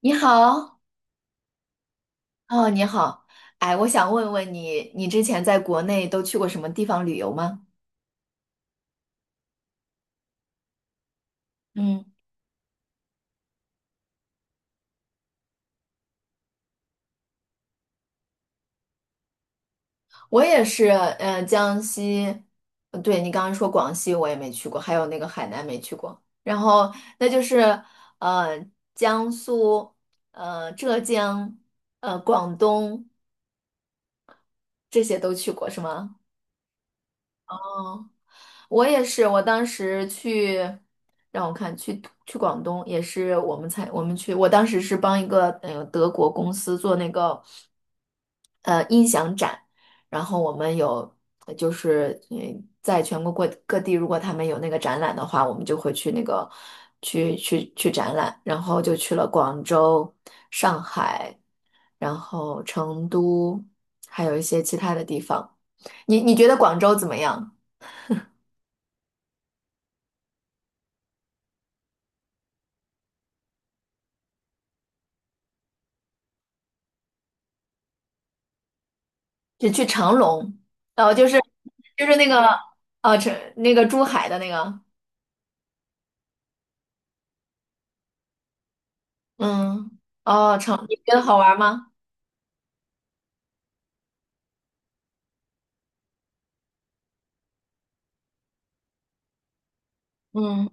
你好，哦，你好，哎，我想问问你，你之前在国内都去过什么地方旅游吗？嗯，我也是，嗯，江西，对，你刚刚说广西我也没去过，还有那个海南没去过，然后那就是，呃，江苏，浙江，广东这些都去过是吗？哦。我也是，我当时去，让我看，去广东也是我们去，我当时是帮一个德国公司做那个音响展，然后我们有就是在全国各地，如果他们有那个展览的话，我们就会去那个去展览，然后就去了广州、上海，然后成都，还有一些其他的地方。你觉得广州怎么样？只去长隆，哦，就是就是那个哦，那个珠海的那个，嗯，哦，你觉得好玩吗？嗯，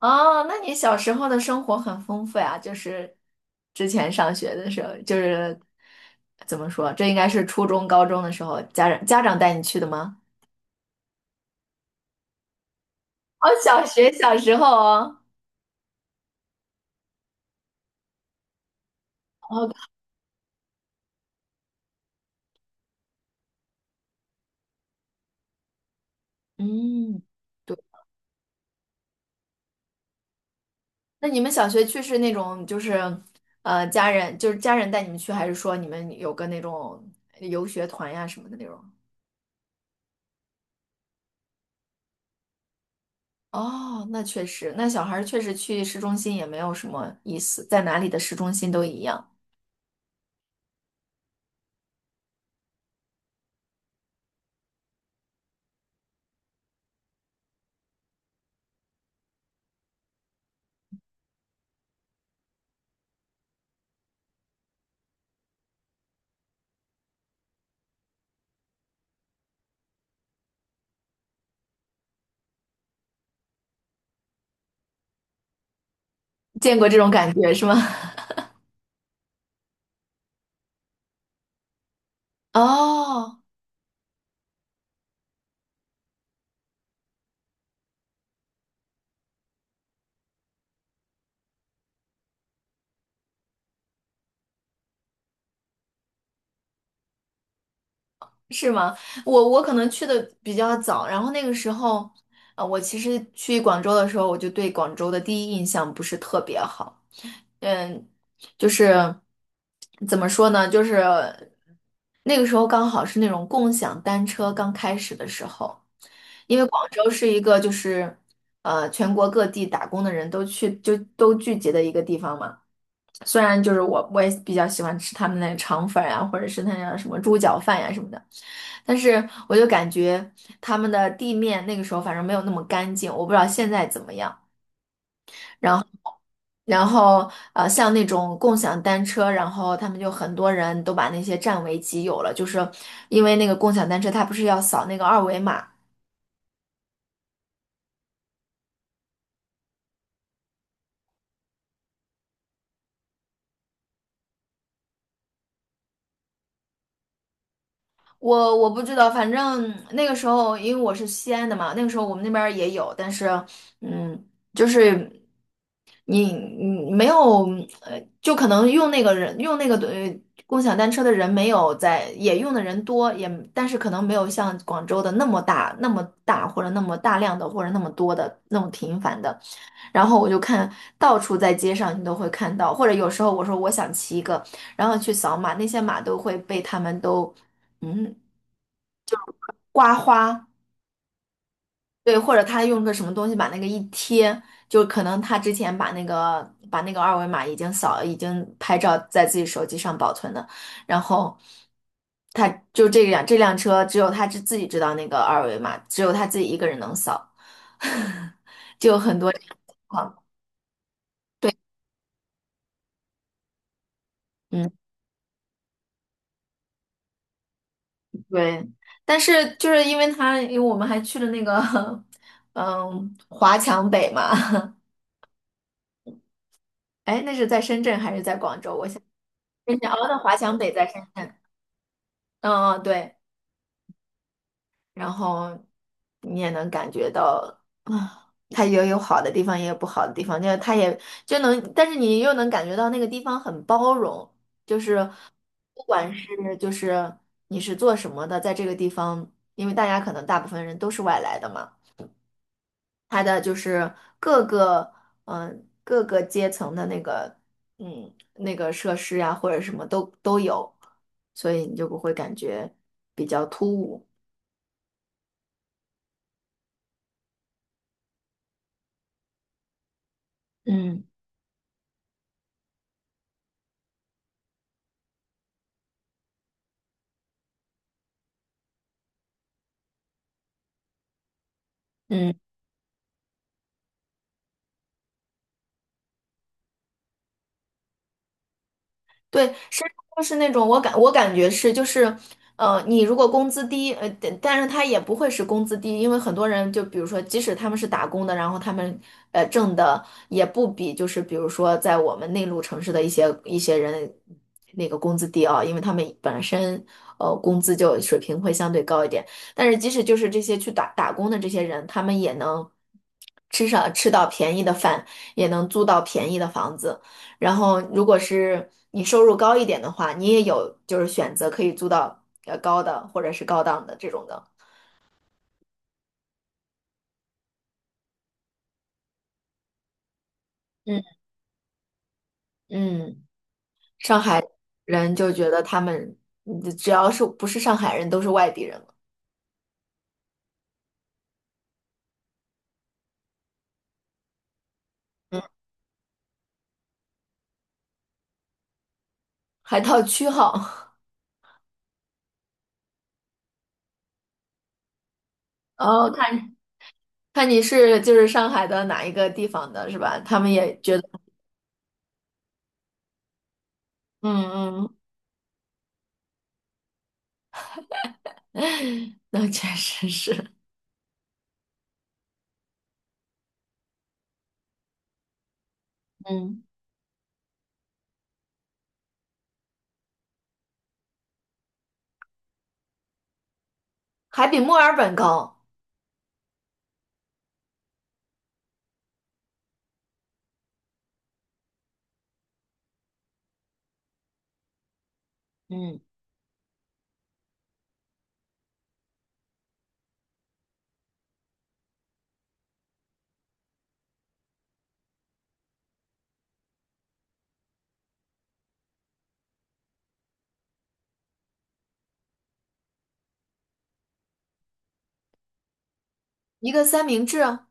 哦，那你小时候的生活很丰富呀，就是之前上学的时候，就是怎么说，这应该是初中、高中的时候，家长带你去的吗？哦，小时候哦，哦，嗯。那你们小学去是那种就是家人带你们去，还是说你们有个那种游学团呀什么的那种？哦，那确实，那小孩儿确实去市中心也没有什么意思，在哪里的市中心都一样，见过这种感觉是吗？哦。是吗？我可能去的比较早，然后那个时候，我其实去广州的时候，我就对广州的第一印象不是特别好，嗯，就是怎么说呢，就是那个时候刚好是那种共享单车刚开始的时候，因为广州是一个就是全国各地打工的人都去就都聚集的一个地方嘛。虽然就是我也比较喜欢吃他们那肠粉儿呀、或者是那样什么猪脚饭呀、什么的。但是我就感觉他们的地面那个时候反正没有那么干净，我不知道现在怎么样。然后，然后，像那种共享单车，然后他们就很多人都把那些占为己有了，就是因为那个共享单车它不是要扫那个二维码，我不知道，反正那个时候因为我是西安的嘛，那个时候我们那边儿也有，但是嗯，就是你没有就可能用那个人用那个共享单车的人没有在，也用的人多，也但是可能没有像广州的那么大那么大或者那么大量的或者那么多的那么频繁的。然后我就看到处在街上你都会看到，或者有时候我说我想骑一个，然后去扫码，那些码都会被他们都嗯刮花，对，或者他用个什么东西把那个一贴，就可能他之前把那个二维码已经拍照在自己手机上保存的，然后。他就这辆车，只有他自己知道那个二维码，只有他自己一个人能扫，就有很多这样的情况。对，嗯。对，但是就是因为他，因为我们还去了那个，嗯，华强北嘛，哎，那是在深圳还是在广州？我想，深圳哦，那华强北在深圳，嗯嗯，对，然后你也能感觉到，啊，它也有好的地方，也有不好的地方，就是它也就能，但是你又能感觉到那个地方很包容，就是不管是就是你是做什么的，在这个地方，因为大家可能大部分人都是外来的嘛。它的就是各个各个阶层的那个设施呀、或者什么都有，所以你就不会感觉比较突兀。嗯嗯。对，深圳就是那种我感觉是就是，你如果工资低，但是他也不会是工资低，因为很多人就比如说，即使他们是打工的，然后他们挣的也不比就是比如说在我们内陆城市的一些人那个工资低啊，因为他们本身工资就水平会相对高一点，但是即使就是这些去打工的这些人，他们也能吃到便宜的饭，也能租到便宜的房子。然后，如果是你收入高一点的话，你也有就是选择可以租到高的或者是高档的这种的。嗯，嗯，上海人就觉得他们只要是不是上海人都是外地人了。嗯，还套区号，哦，看你是就是上海的哪一个地方的是吧？他们也觉得，嗯嗯，那确实是，嗯，还比墨尔本高，嗯，一个三明治啊，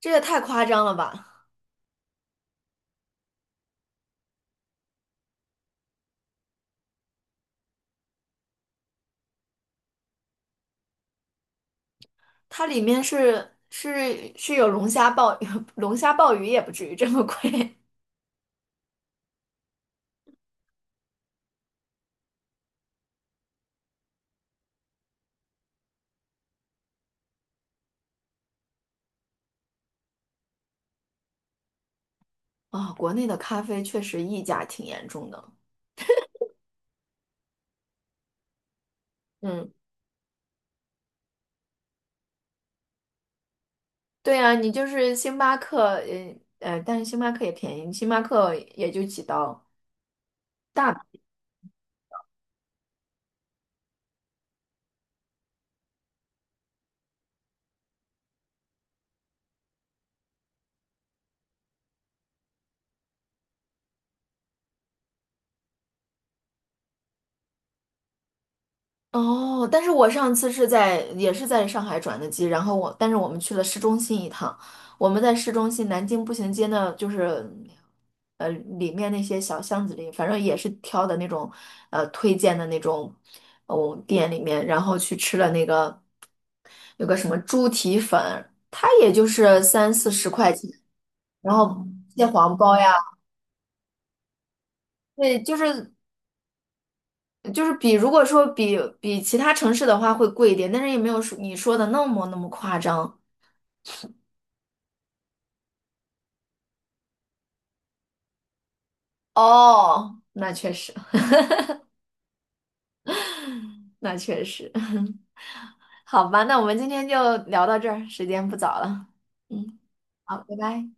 这也太夸张了吧！它里面是有龙虾鲍 龙虾鲍鱼也不至于这么贵 啊、国内的咖啡确实溢价挺严重的。嗯，对啊，你就是星巴克，但是星巴克也便宜，星巴克也就几刀。哦，但是我上次也是在上海转的机，然后但是我们去了市中心一趟，我们在市中心南京步行街呢，就是呃里面那些小巷子里，反正也是挑的那种推荐的那种哦店里面，然后去吃了那个有个什么猪蹄粉，它也就是三四十块钱，然后蟹黄包呀，对，就是比如果说比其他城市的话会贵一点，但是也没有说你说的那么那么夸张。哦，那确实，那确实，好吧，那我们今天就聊到这儿，时间不早了。嗯，好，拜拜。